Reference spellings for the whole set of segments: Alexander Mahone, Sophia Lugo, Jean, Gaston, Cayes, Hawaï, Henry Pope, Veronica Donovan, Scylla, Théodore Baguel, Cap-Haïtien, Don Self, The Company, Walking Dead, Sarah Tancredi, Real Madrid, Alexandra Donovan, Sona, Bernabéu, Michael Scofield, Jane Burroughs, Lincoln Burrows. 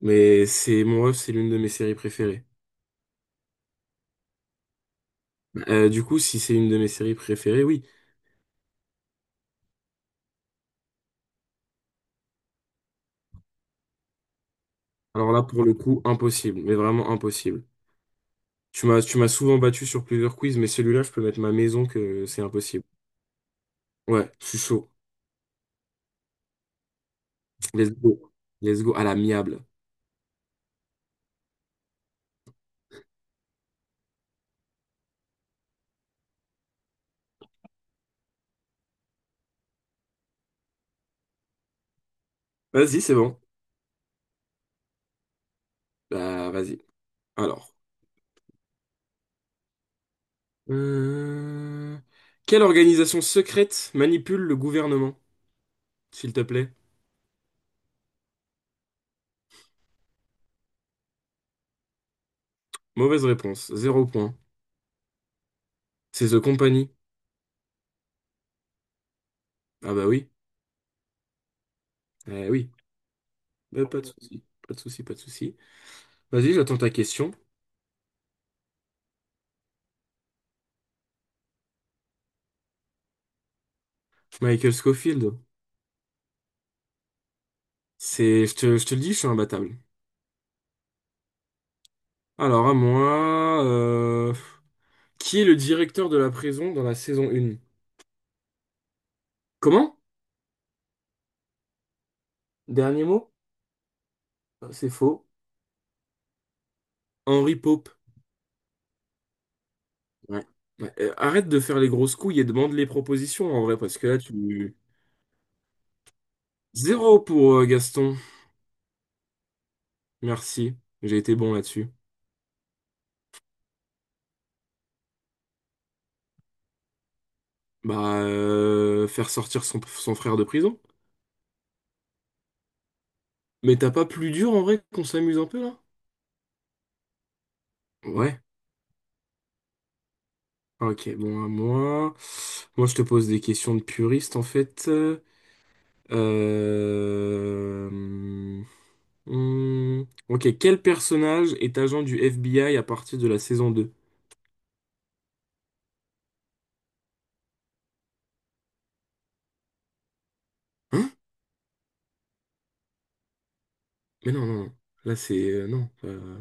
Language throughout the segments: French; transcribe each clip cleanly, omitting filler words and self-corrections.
Mais c'est mon rêve, c'est l'une de mes séries préférées. Du coup, si c'est une de mes séries préférées, oui. Alors là, pour le coup, impossible, mais vraiment impossible. Tu m'as souvent battu sur plusieurs quiz, mais celui-là, je peux mettre ma maison que c'est impossible. Ouais, je suis chaud. Let's go. Let's go à l'amiable. Vas-y, c'est bon. Bah, vas-y. Alors. Euh, Quelle organisation secrète manipule le gouvernement, s'il te plaît? Mauvaise réponse. Zéro point. C'est The Company. Ah bah oui. Eh oui. Bah, pas de souci. Pas de souci, pas de souci. Vas-y, j'attends ta question. Michael Scofield. Je te le dis, je suis imbattable. Alors, à moi, qui est le directeur de la prison dans la saison 1? Comment? Dernier mot? C'est faux. Henry Pope. Ouais. Ouais. Arrête de faire les grosses couilles et demande les propositions en vrai, parce que là, tu. Zéro pour Gaston. Merci. J'ai été bon là-dessus. Bah, faire sortir son frère de prison. Mais t'as pas plus dur en vrai qu'on s'amuse un peu là? Ouais. Ok, bon, à moi. Moi, je te pose des questions de puriste, en fait. Euh... hmm, Ok, quel personnage est agent du FBI à partir de la saison 2? Hein? Mais non, non, non. Là, c'est...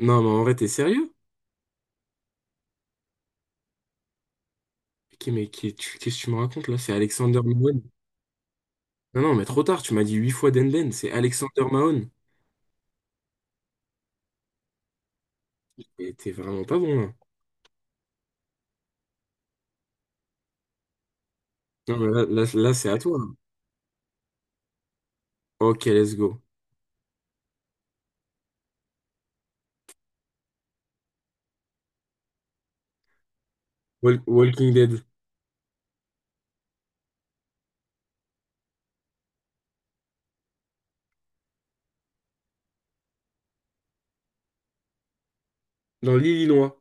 Non, mais en vrai, t'es sérieux? Ok, mais qu'est-ce que tu me racontes, là? C'est Alexander Mahone. Non, non, mais trop tard, tu m'as dit 8 fois Denden. C'est Alexander Mahone. Et t'es vraiment pas bon, là. Non, mais là, c'est à toi. Ok, let's go. Walking Dead. Dans l'île.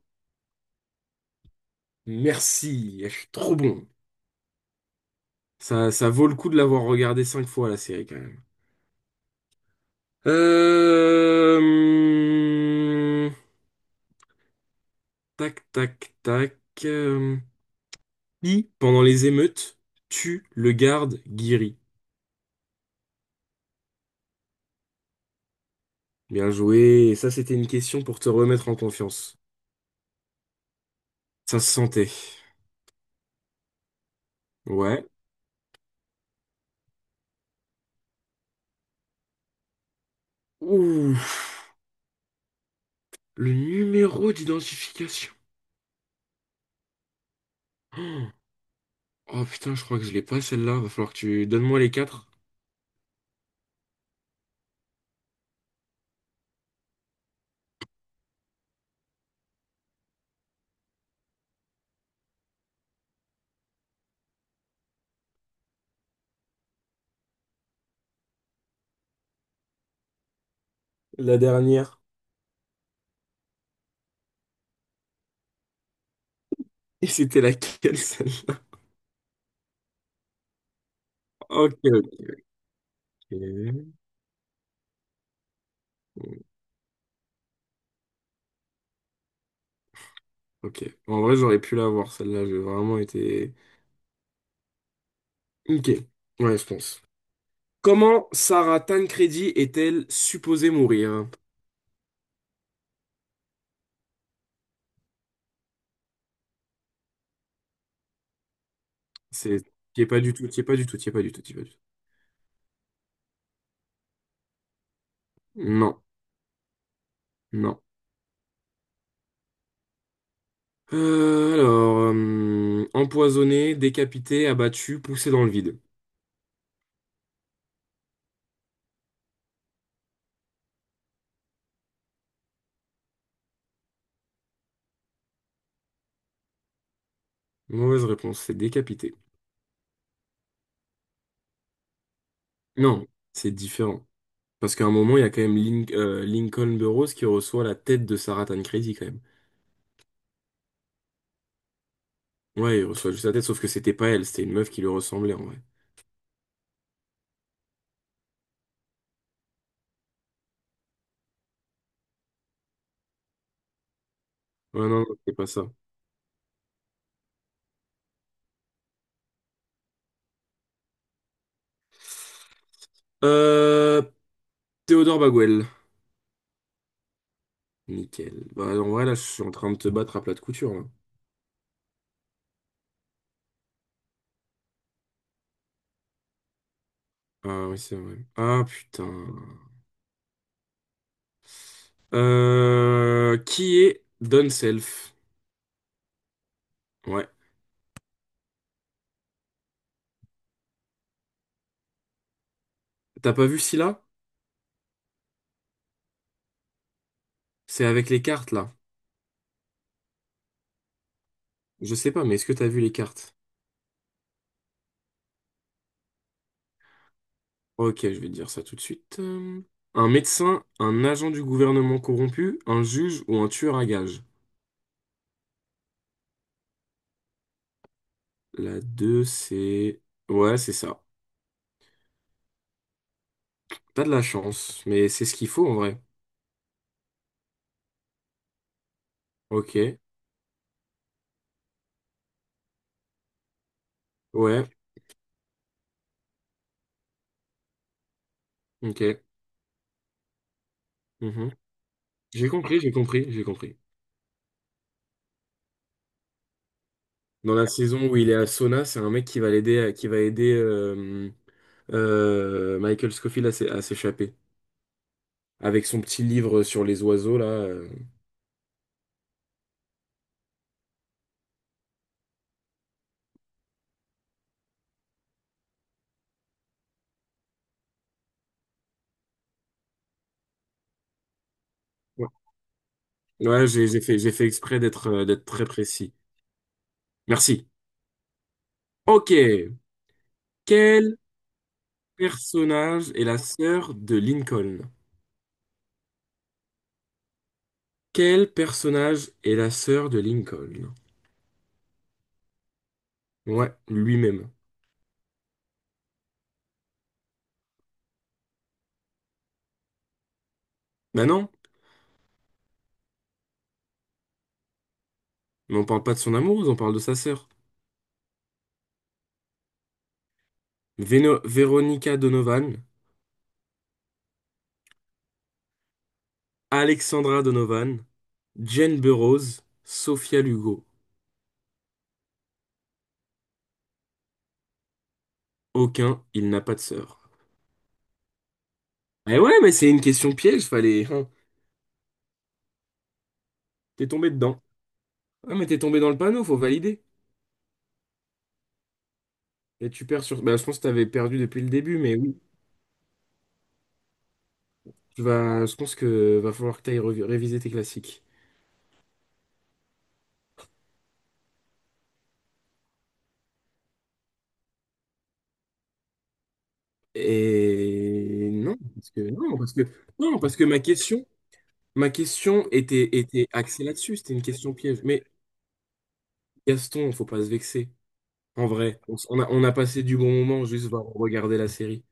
Merci, elle est trop bon. Ça, vaut le coup de l'avoir regardé 5 fois la série quand même. Euh... Tac, tac, tac. euh, Qui, pendant les émeutes, tue le garde Guiri? Bien joué. Et ça, c'était une question pour te remettre en confiance. Ça se sentait. Ouais. Ouh, le numéro d'identification. Oh putain, je crois que je l'ai pas celle-là. Va falloir que tu donnes-moi les quatre. La dernière. Et c'était laquelle celle-là? Ok, ok. Et. Ok. En vrai, j'aurais pu l'avoir, celle-là. J'ai vraiment été... Ok. Ouais, je pense. Comment Sarah Tancredi est-elle supposée mourir? C'est... T'y es pas du tout, t'y es pas du tout, t'y es pas du tout, t'y es pas du tout. Non, non. Empoisonnée, décapitée, abattue, poussée dans le vide. Mauvaise réponse, c'est décapitée. Non, c'est différent. Parce qu'à un moment, il y a quand même Lincoln Burrows qui reçoit la tête de Sarah Tancredi, quand même. Ouais, il reçoit juste la tête, sauf que c'était pas elle, c'était une meuf qui lui ressemblait, en vrai. Ouais, non, non, c'est pas ça. Euh, Théodore Baguel. Nickel. Bah, en vrai, là, je suis en train de te battre à plat de couture, là. Ah, oui, c'est vrai. Ah, putain. Qui est Don Self? Ouais. T'as pas vu Scylla? C'est avec les cartes, là. Je sais pas, mais est-ce que t'as vu les cartes? Ok, je vais te dire ça tout de suite. Un médecin, un agent du gouvernement corrompu, un juge ou un tueur à gages. La 2 c'est... Ouais, c'est ça. T'as de la chance, mais c'est ce qu'il faut, en vrai. Ok. Ouais. Ok. Mhm. J'ai compris. Dans la saison où il est à Sona, c'est un mec qui va l'aider, qui va aider Michael Scofield à s'échapper avec son petit livre sur les oiseaux là. Ouais, ouais, j'ai fait exprès d'être d'être très précis. Merci. Ok. Quel personnage est la sœur de Lincoln? Quel personnage est la sœur de Lincoln? Ouais, lui-même. Bah non, mais on parle pas de son amoureuse, on parle de sa sœur. Veronica Donovan, Alexandra Donovan, Jane Burroughs, Sophia Lugo. Aucun, il n'a pas de sœur. Eh ouais, mais c'est une question piège, fallait, hein. T'es tombé dedans. Ah, mais t'es tombé dans le panneau, faut valider. Et tu perds sur. Bah, je pense que t'avais perdu depuis le début, mais oui. Tu vas... Je pense que va falloir que réviser tes classiques. Et non, parce que non, parce que ma question, ma question était axée là-dessus. C'était une question piège. Mais Gaston, faut pas se vexer. En vrai, on a passé du bon moment juste à regarder la série.